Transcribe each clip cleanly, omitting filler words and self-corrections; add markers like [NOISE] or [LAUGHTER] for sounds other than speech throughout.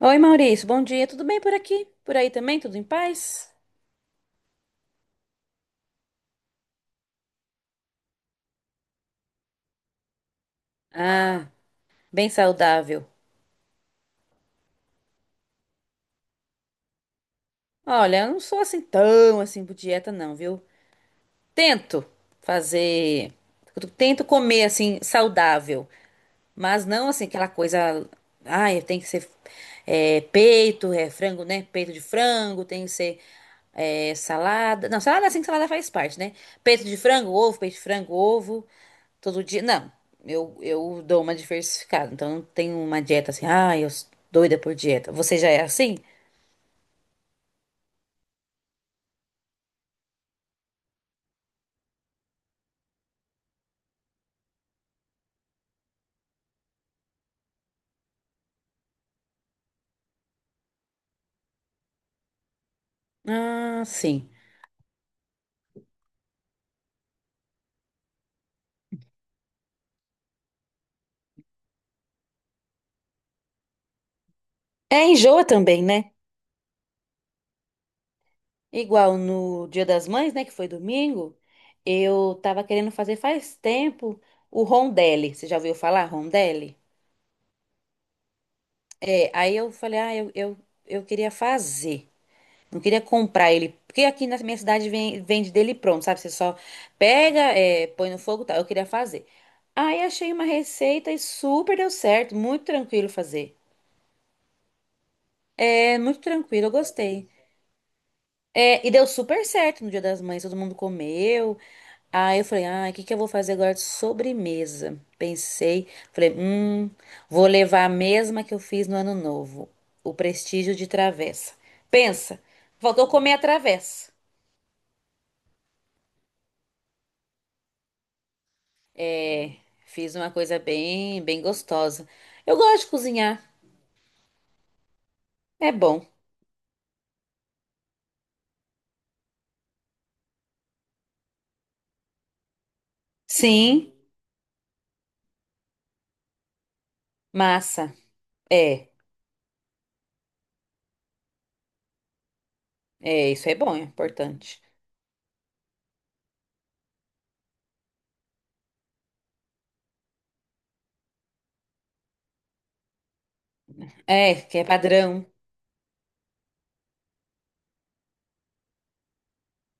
Oi, Maurício, bom dia. Tudo bem por aqui? Por aí também? Tudo em paz? Ah, bem saudável. Olha, eu não sou assim tão assim por dieta não, viu? Tento fazer. Tento comer assim, saudável. Mas não assim, aquela coisa. Ai, tem que ser é, peito, é frango, né? Peito de frango, tem que ser é, salada. Não, salada assim que salada faz parte, né? Peito de frango, ovo, peito de frango, ovo. Todo dia. Não, eu dou uma diversificada. Então não tenho uma dieta assim. Ai, eu sou doida por dieta. Você já é assim? Ah, sim. É, enjoa também, né? Igual no Dia das Mães, né, que foi domingo, eu tava querendo fazer faz tempo o rondelli. Você já ouviu falar rondelli? É, aí eu falei, ah, eu queria fazer. Não queria comprar ele, porque aqui na minha cidade vende dele pronto, sabe? Você só pega, é, põe no fogo, e tal. Eu queria fazer. Aí achei uma receita e super deu certo, muito tranquilo fazer. É muito tranquilo, eu gostei. É, e deu super certo no Dia das Mães, todo mundo comeu. Aí eu falei, ah, o que que eu vou fazer agora de sobremesa? Pensei, falei, vou levar a mesma que eu fiz no Ano Novo, o prestígio de travessa. Pensa, faltou comer a travessa. Fiz uma coisa bem, bem gostosa. Eu gosto de cozinhar, é bom. Sim, massa. É, é, isso é bom, é importante. É, que é padrão.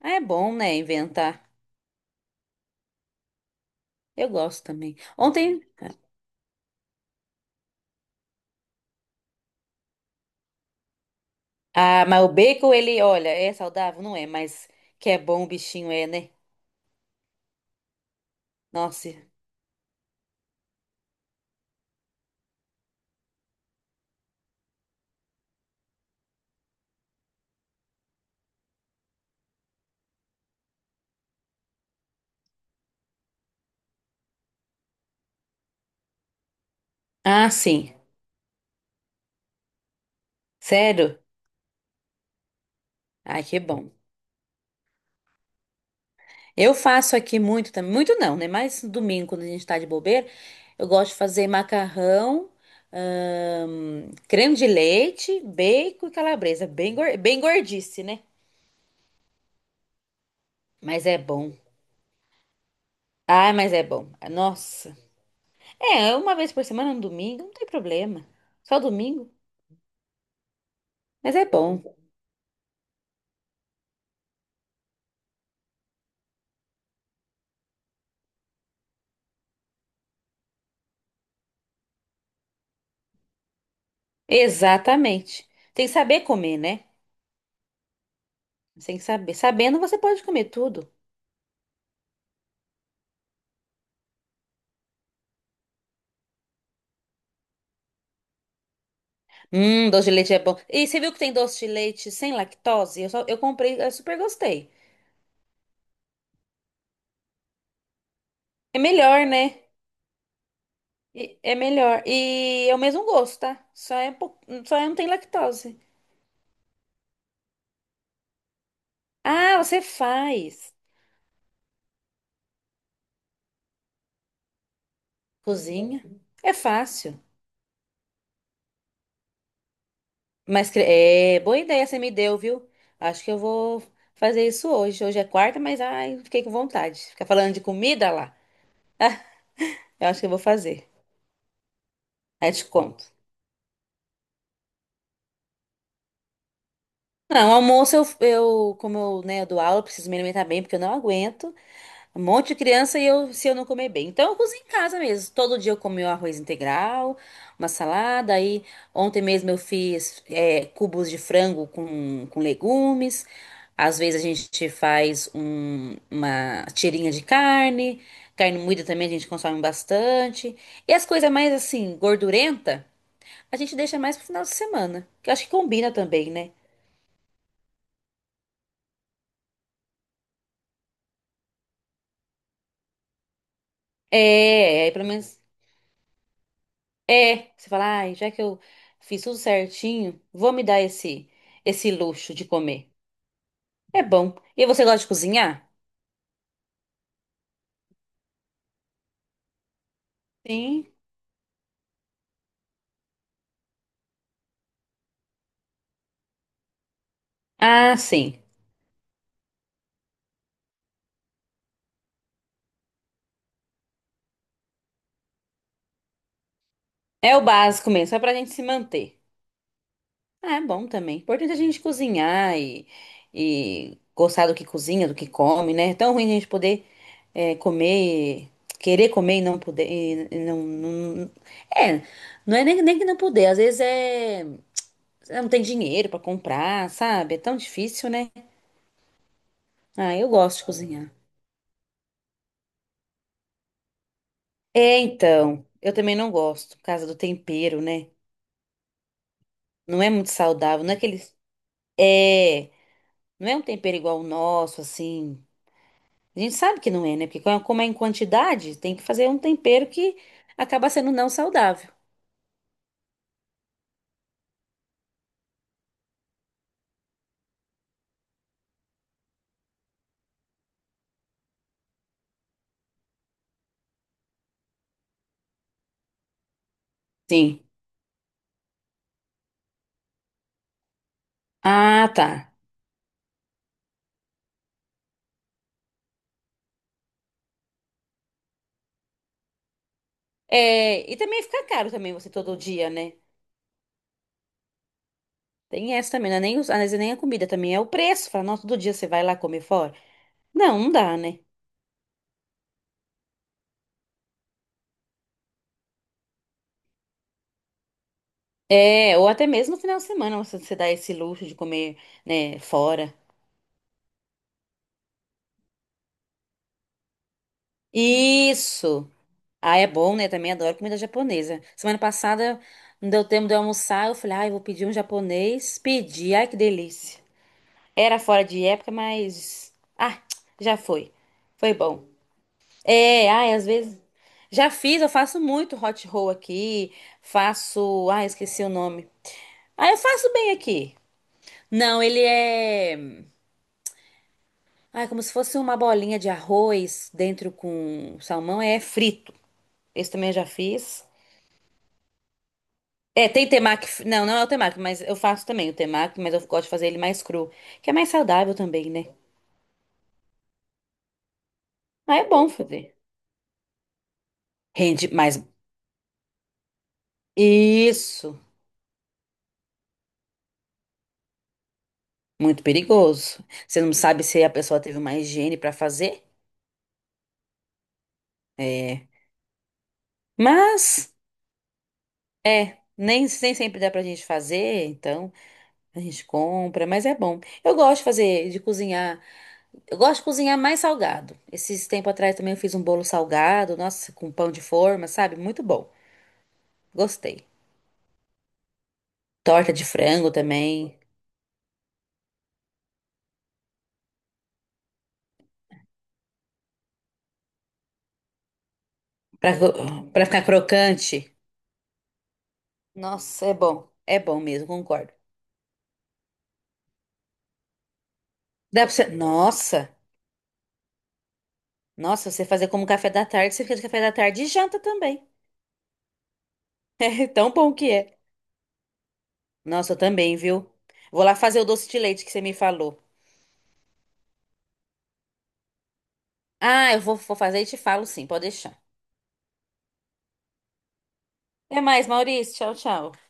Ah, é bom, né, inventar. Eu gosto também. Ontem. Ah, mas o bacon, ele, olha, é saudável? Não é, mas que é bom o bichinho é, né? Nossa. Ah, sim. Sério? Ai, que bom. Eu faço aqui muito também. Muito não, né? Mas no domingo, quando a gente tá de bobeira, eu gosto de fazer macarrão, creme de leite, bacon e calabresa. Bem, bem gordice, né? Mas é bom. Ai, mas é bom. Nossa. É, uma vez por semana, no domingo, não tem problema. Só domingo. Mas é bom. Exatamente. Tem que saber comer, né? Você tem que saber. Sabendo, você pode comer tudo. Doce de leite é bom. E você viu que tem doce de leite sem lactose? Eu, só, eu comprei, eu super gostei. É melhor, né? E- É melhor. E é o mesmo gosto, tá? Só não tem lactose. Ah, você faz. Cozinha. É fácil. Mas cre- É boa ideia você me deu, viu? Acho que eu vou fazer isso hoje. Hoje é quarta, mas ai, fiquei com vontade. Ficar falando de comida lá. Eu acho que eu vou fazer. Aí eu te conto. Não, almoço eu como eu, né, eu dou aula, eu preciso me alimentar bem, porque eu não aguento um monte de criança e eu, se eu não comer bem. Então eu cozinho em casa mesmo. Todo dia eu como meu arroz integral, uma salada. Aí ontem mesmo eu fiz é, cubos de frango com legumes. Às vezes a gente faz uma tirinha de carne. Carne moída também a gente consome bastante. E as coisas mais assim, gordurenta, a gente deixa mais pro final de semana. Que eu acho que combina também, né? É, aí pelo menos é. Você fala, ai, já que eu fiz tudo certinho, vou me dar esse luxo de comer. É bom. E você gosta de cozinhar? Sim. Ah, sim. É o básico mesmo, só pra gente se manter. Ah, é bom também. Importante a gente cozinhar e gostar do que cozinha, do que come, né? É tão ruim a gente poder é, comer, querer comer e não poder. e não, não- é, não é nem, nem que não poder, às vezes é. Você não tem dinheiro pra comprar, sabe? É tão difícil, né? Ah, eu gosto de cozinhar. É, então, eu também não gosto, por causa do tempero, né? Não é muito saudável, não é aquele. É, não é um tempero igual o nosso, assim. A gente sabe que não é, né? Porque como é em quantidade, tem que fazer um tempero que acaba sendo não saudável. Sim. Ah, tá. É, e também fica caro também você todo dia, né? Tem essa também, não é nem, às vezes nem a comida também, é o preço. Fala, nossa, todo dia você vai lá comer fora? Não, não dá, né? É, ou até mesmo no final de semana, você dá esse luxo de comer, né, fora. Isso! Ah, é bom, né? Também adoro comida japonesa. Semana passada não deu tempo de eu almoçar, eu falei, ai, eu vou pedir um japonês. Pedi, ai, que delícia. Era fora de época, mas. Ah, já foi. Foi bom. É, ai, às vezes. Já fiz, eu faço muito hot roll aqui. Faço. Ai, esqueci o nome. Ah, eu faço bem aqui. Não, ele é. Ah, é como se fosse uma bolinha de arroz dentro com salmão, é frito. Esse também eu já fiz. É, tem temaki, não, não é o temaki, mas eu faço também o temaki, mas eu gosto de fazer ele mais cru, que é mais saudável também, né? Ah, é bom fazer. Rende mais. Isso, muito perigoso. Você não sabe se a pessoa teve uma higiene pra fazer? É. Mas, é, nem, nem sempre dá pra gente fazer, então a gente compra, mas é bom. Eu gosto de fazer, de cozinhar. Eu gosto de cozinhar mais salgado. Esses tempo atrás também eu fiz um bolo salgado, nossa, com pão de forma, sabe? Muito bom. Gostei. Torta de frango também, pra ficar crocante. Nossa, é bom. É bom mesmo, concordo. Dá pra você... Nossa, nossa, você fazer como café da tarde, você fica de café da tarde e janta também. [LAUGHS] É tão bom que é. Nossa, eu também, viu? Vou lá fazer o doce de leite que você me falou. Ah, eu vou, vou fazer e te falo sim, pode deixar. Até mais, Maurício. Tchau, tchau.